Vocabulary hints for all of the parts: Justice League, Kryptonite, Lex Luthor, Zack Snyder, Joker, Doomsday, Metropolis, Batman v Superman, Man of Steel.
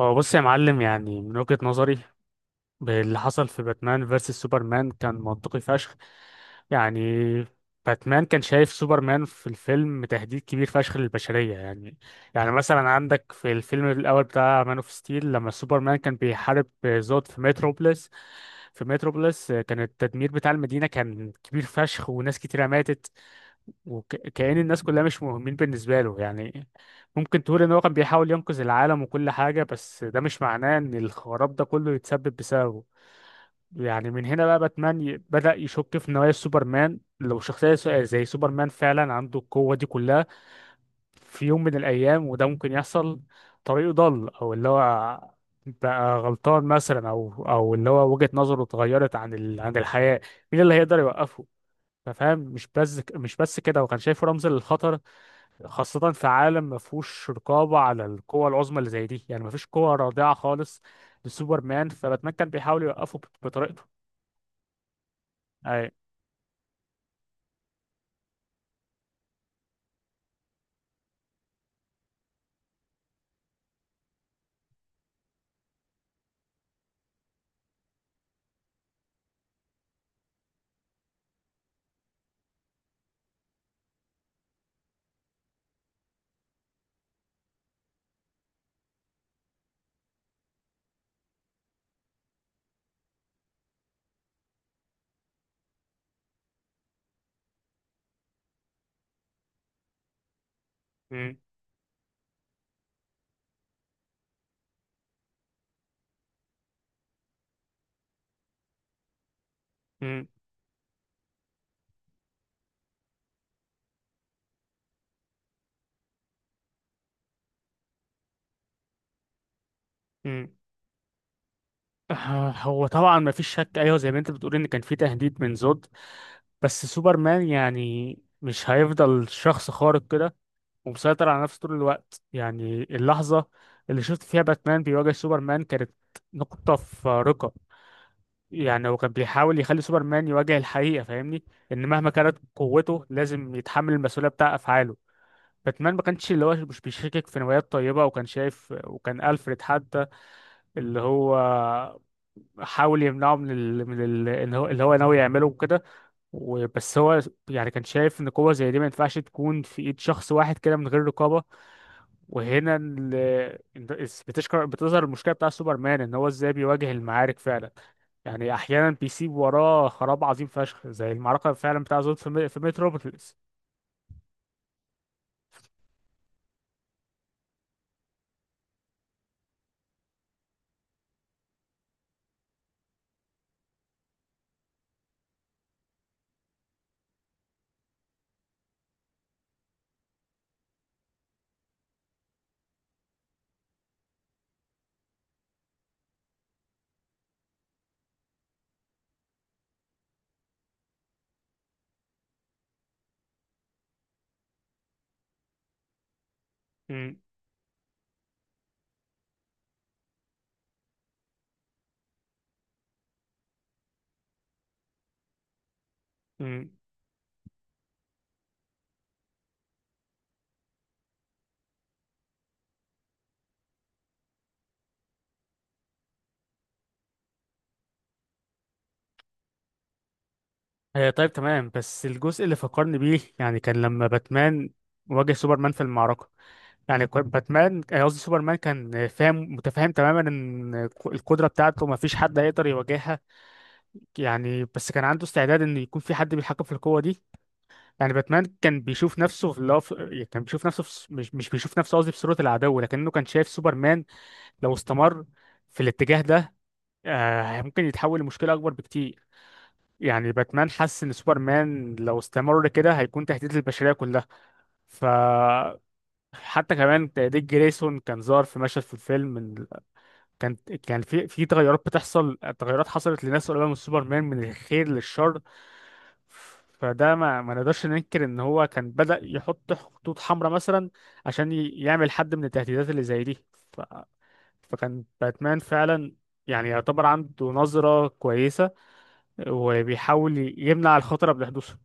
هو بص يا معلم، يعني من وجهة نظري اللي حصل في باتمان فيرسس سوبرمان كان منطقي فشخ، يعني. باتمان كان شايف سوبرمان في الفيلم تهديد كبير فشخ للبشرية، يعني. يعني مثلا عندك في الفيلم الأول بتاع مان اوف ستيل، لما سوبرمان كان بيحارب زود في متروبوليس. في متروبوليس كان التدمير بتاع المدينة كان كبير فشخ، وناس كتيرة ماتت. وكأن الناس كلها مش مهمين بالنسبة له، يعني. ممكن تقول إن هو كان بيحاول ينقذ العالم وكل حاجة، بس ده مش معناه إن الخراب ده كله يتسبب بسببه. يعني من هنا بقى باتمان بدأ يشك في نوايا سوبرمان. لو شخصية زي سوبرمان فعلا عنده القوة دي كلها في يوم من الأيام، وده ممكن يحصل. طريقه ضل أو اللي هو بقى غلطان مثلا، أو اللي هو وجهة نظره اتغيرت عن الحياة. مين اللي هيقدر يوقفه؟ فاهم؟ مش بس كده، هو كان شايفه رمز للخطر. خاصة في عالم ما فيهوش رقابة على القوى العظمى اللي زي دي، يعني ما فيش قوة رادعة خالص لسوبرمان. فباتمان كان بيحاول يوقفه بطريقته. أي. م- م- م. هو طبعا ما فيش شك، أيوه زي ما أنت بتقول إن كان في تهديد من زود. بس سوبرمان يعني مش هيفضل شخص خارق كده ومسيطر على نفسه طول الوقت. يعني اللحظة اللي شفت فيها باتمان بيواجه سوبرمان كانت نقطة فارقة. يعني هو كان بيحاول يخلي سوبرمان يواجه الحقيقة، فاهمني؟ إن مهما كانت قوته لازم يتحمل المسؤولية بتاع أفعاله. باتمان ما كانش، اللي هو، مش بيشكك في نوايات طيبة، وكان شايف، وكان ألفريد حتى اللي هو حاول يمنعه إن هو اللي هو ناوي يعمله وكده. وبس هو يعني كان شايف إن قوة زي دي ما ينفعش تكون في إيد شخص واحد كده من غير رقابة. وهنا بتشكر بتظهر المشكلة بتاع سوبرمان إن هو إزاي بيواجه المعارك فعلا. يعني احيانا بيسيب وراه خراب عظيم فشخ زي المعركه فعلا بتاع زود في متروبوليس. امم. امم. آه، طيب تمام، بس الجزء اللي فكرني بيه يعني كان لما باتمان واجه سوبرمان في المعركة. يعني كان باتمان، قصدي سوبرمان، كان فاهم متفاهم تماما ان القدرة بتاعته ما فيش حد هيقدر يواجهها. يعني بس كان عنده استعداد ان يكون في حد بيتحكم في القوة دي. يعني باتمان كان بيشوف نفسه في اللي هو، كان بيشوف نفسه مش بيشوف نفسه قصدي في صورة العدو، لكنه كان شايف سوبرمان لو استمر في الاتجاه ده ممكن يتحول لمشكلة أكبر بكتير. يعني باتمان حس إن سوبرمان لو استمر كده هيكون تهديد للبشرية كلها. ف حتى كمان ديك جريسون كان ظهر في مشهد في الفيلم، كان كان في تغيرات بتحصل، تغيرات حصلت لناس قريبة من سوبرمان من الخير للشر. فده ما نقدرش ننكر ان هو كان بدأ يحط خطوط حمراء مثلا عشان يعمل حد من التهديدات اللي زي دي. فكان باتمان فعلا يعني يعتبر عنده نظرة كويسة وبيحاول يمنع الخطر قبل حدوثه.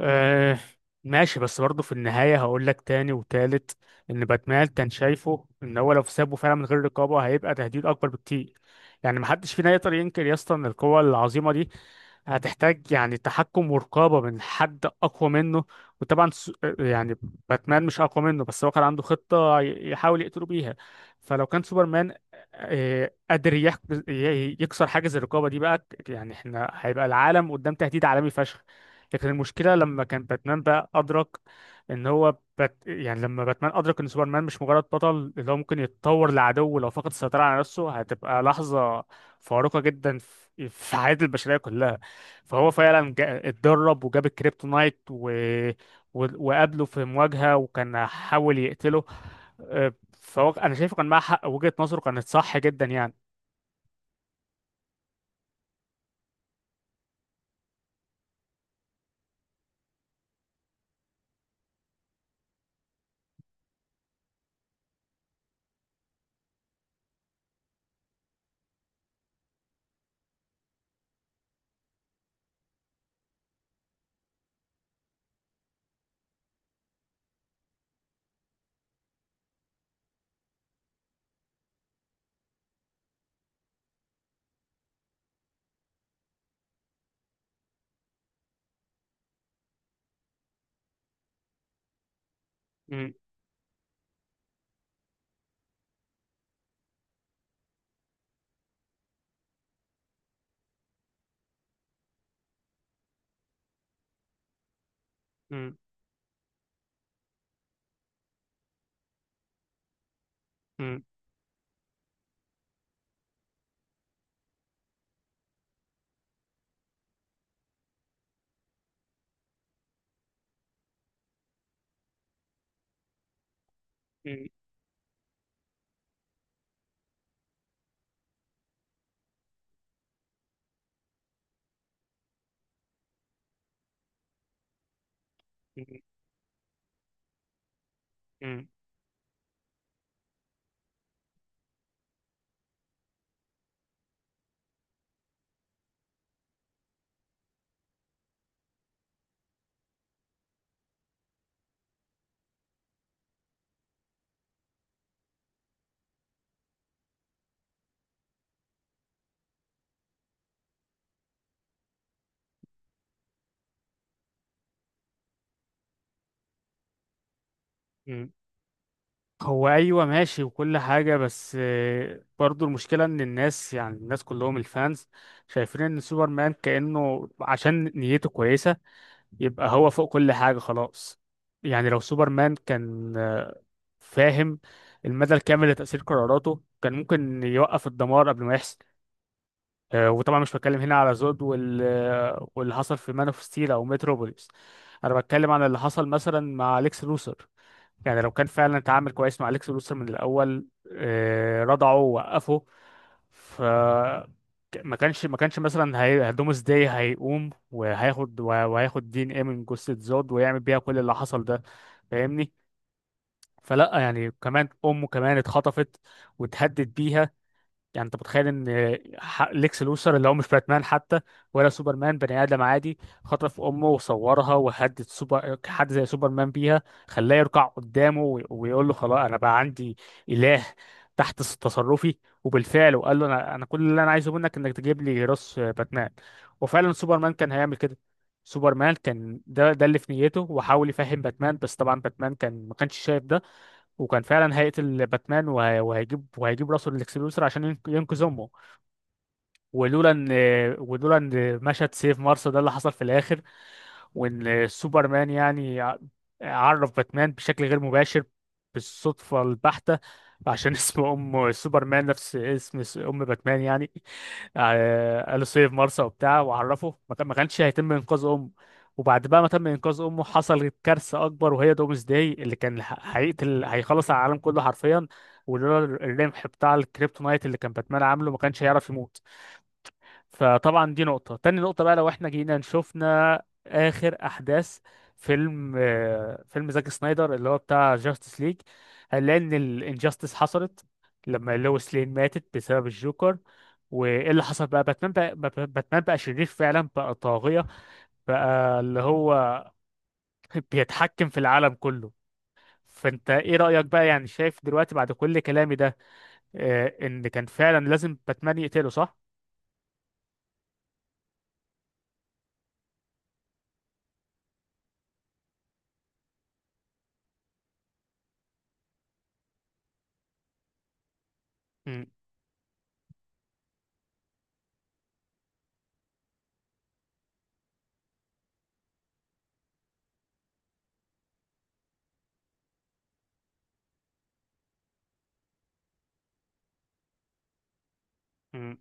آه، ماشي، بس برضه في النهاية هقول لك تاني وتالت إن باتمان كان شايفه إن هو لو سابه فعلا من غير رقابة هيبقى تهديد أكبر بكتير. يعني محدش فينا يقدر ينكر يا اسطى إن القوة العظيمة دي هتحتاج يعني تحكم ورقابة من حد أقوى منه. وطبعا يعني باتمان مش أقوى منه، بس هو كان عنده خطة يحاول يقتله بيها. فلو كان سوبرمان قادر يكسر حاجز الرقابة دي بقى، يعني احنا هيبقى العالم قدام تهديد عالمي فشخ. لكن المشكلة لما كان باتمان بقى أدرك إن هو بات، يعني لما باتمان أدرك إن سوبرمان مش مجرد بطل اللي هو ممكن يتطور لعدو لو فقد السيطرة على نفسه، هتبقى لحظة فارقة جدا في حياة البشرية كلها. فهو فعلا اتدرب وجاب الكريبتونايت وقابله في مواجهة وكان حاول يقتله. آه، فهو انا شايفه كان معاه حق، وجهة نظره كانت صح جدا يعني. م- م- م- م- م- م- م. هو ايوه ماشي وكل حاجة، بس برضو المشكلة ان الناس، يعني الناس كلهم، الفانز، شايفين ان سوبرمان كأنه عشان نيته كويسة يبقى هو فوق كل حاجة خلاص. يعني لو سوبرمان كان فاهم المدى الكامل لتأثير قراراته، كان ممكن يوقف الدمار قبل ما يحصل. وطبعا مش بتكلم هنا على زود واللي حصل في مان اوف ستيل او متروبوليس. انا بتكلم عن اللي حصل مثلا مع اليكس لوثر. يعني لو كان فعلا اتعامل كويس مع اليكس لوثر من الاول، رضعه ووقفه. ف ما كانش مثلا دومس داي هيقوم وهياخد دي ان ايه من جثة زود، ويعمل بيها كل اللي حصل ده، فاهمني؟ فلا، يعني كمان امه كمان اتخطفت واتهدد بيها. يعني انت متخيل ان ليكس لوثر اللي هو مش باتمان حتى ولا سوبرمان، بني ادم عادي، خطف امه وصورها وهدد سوبر حد زي سوبرمان بيها، خلاه يركع قدامه ويقول له خلاص انا بقى عندي اله تحت تصرفي. وبالفعل وقال له انا كل اللي انا عايزه منك انك تجيب لي راس باتمان. وفعلا سوبرمان كان هيعمل كده. سوبرمان كان ده اللي في نيته، وحاول يفهم باتمان، بس طبعا باتمان كان ما كانش شايف ده. وكان فعلا هيقتل باتمان وهيجيب راسه للاكسبلوسر عشان ينقذ امه. ولولا ان ولولا ان مشهد سيف مارس ده اللي حصل في الاخر، وان سوبرمان يعني عرف باتمان بشكل غير مباشر بالصدفة البحتة عشان اسم ام سوبرمان نفس اسم ام باتمان، يعني. قالوا سيف مارسا وبتاع وعرفه، ما كانش هيتم انقاذ امه. وبعد بقى ما تم انقاذ امه، حصلت كارثه اكبر، وهي دومز داي اللي كان هيقتل هيخلص على العالم كله حرفيا. ولولا الرمح بتاع الكريبتونايت اللي كان باتمان عامله، ما كانش هيعرف يموت. فطبعا دي نقطة. تاني نقطة بقى، لو احنا جينا شفنا آخر أحداث فيلم، فيلم زاك سنايدر اللي هو بتاع جاستس ليج، هنلاقي إن الانجاستس حصلت لما لويس لين ماتت بسبب الجوكر. وإيه اللي حصل؟ بقى باتمان، باتمان بقى شرير فعلا، بقى طاغية، بقى اللي هو بيتحكم في العالم كله. فأنت إيه رأيك بقى؟ يعني شايف دلوقتي بعد كل كلامي ده إن كان فعلا لازم باتمان يقتله، صح؟ مم.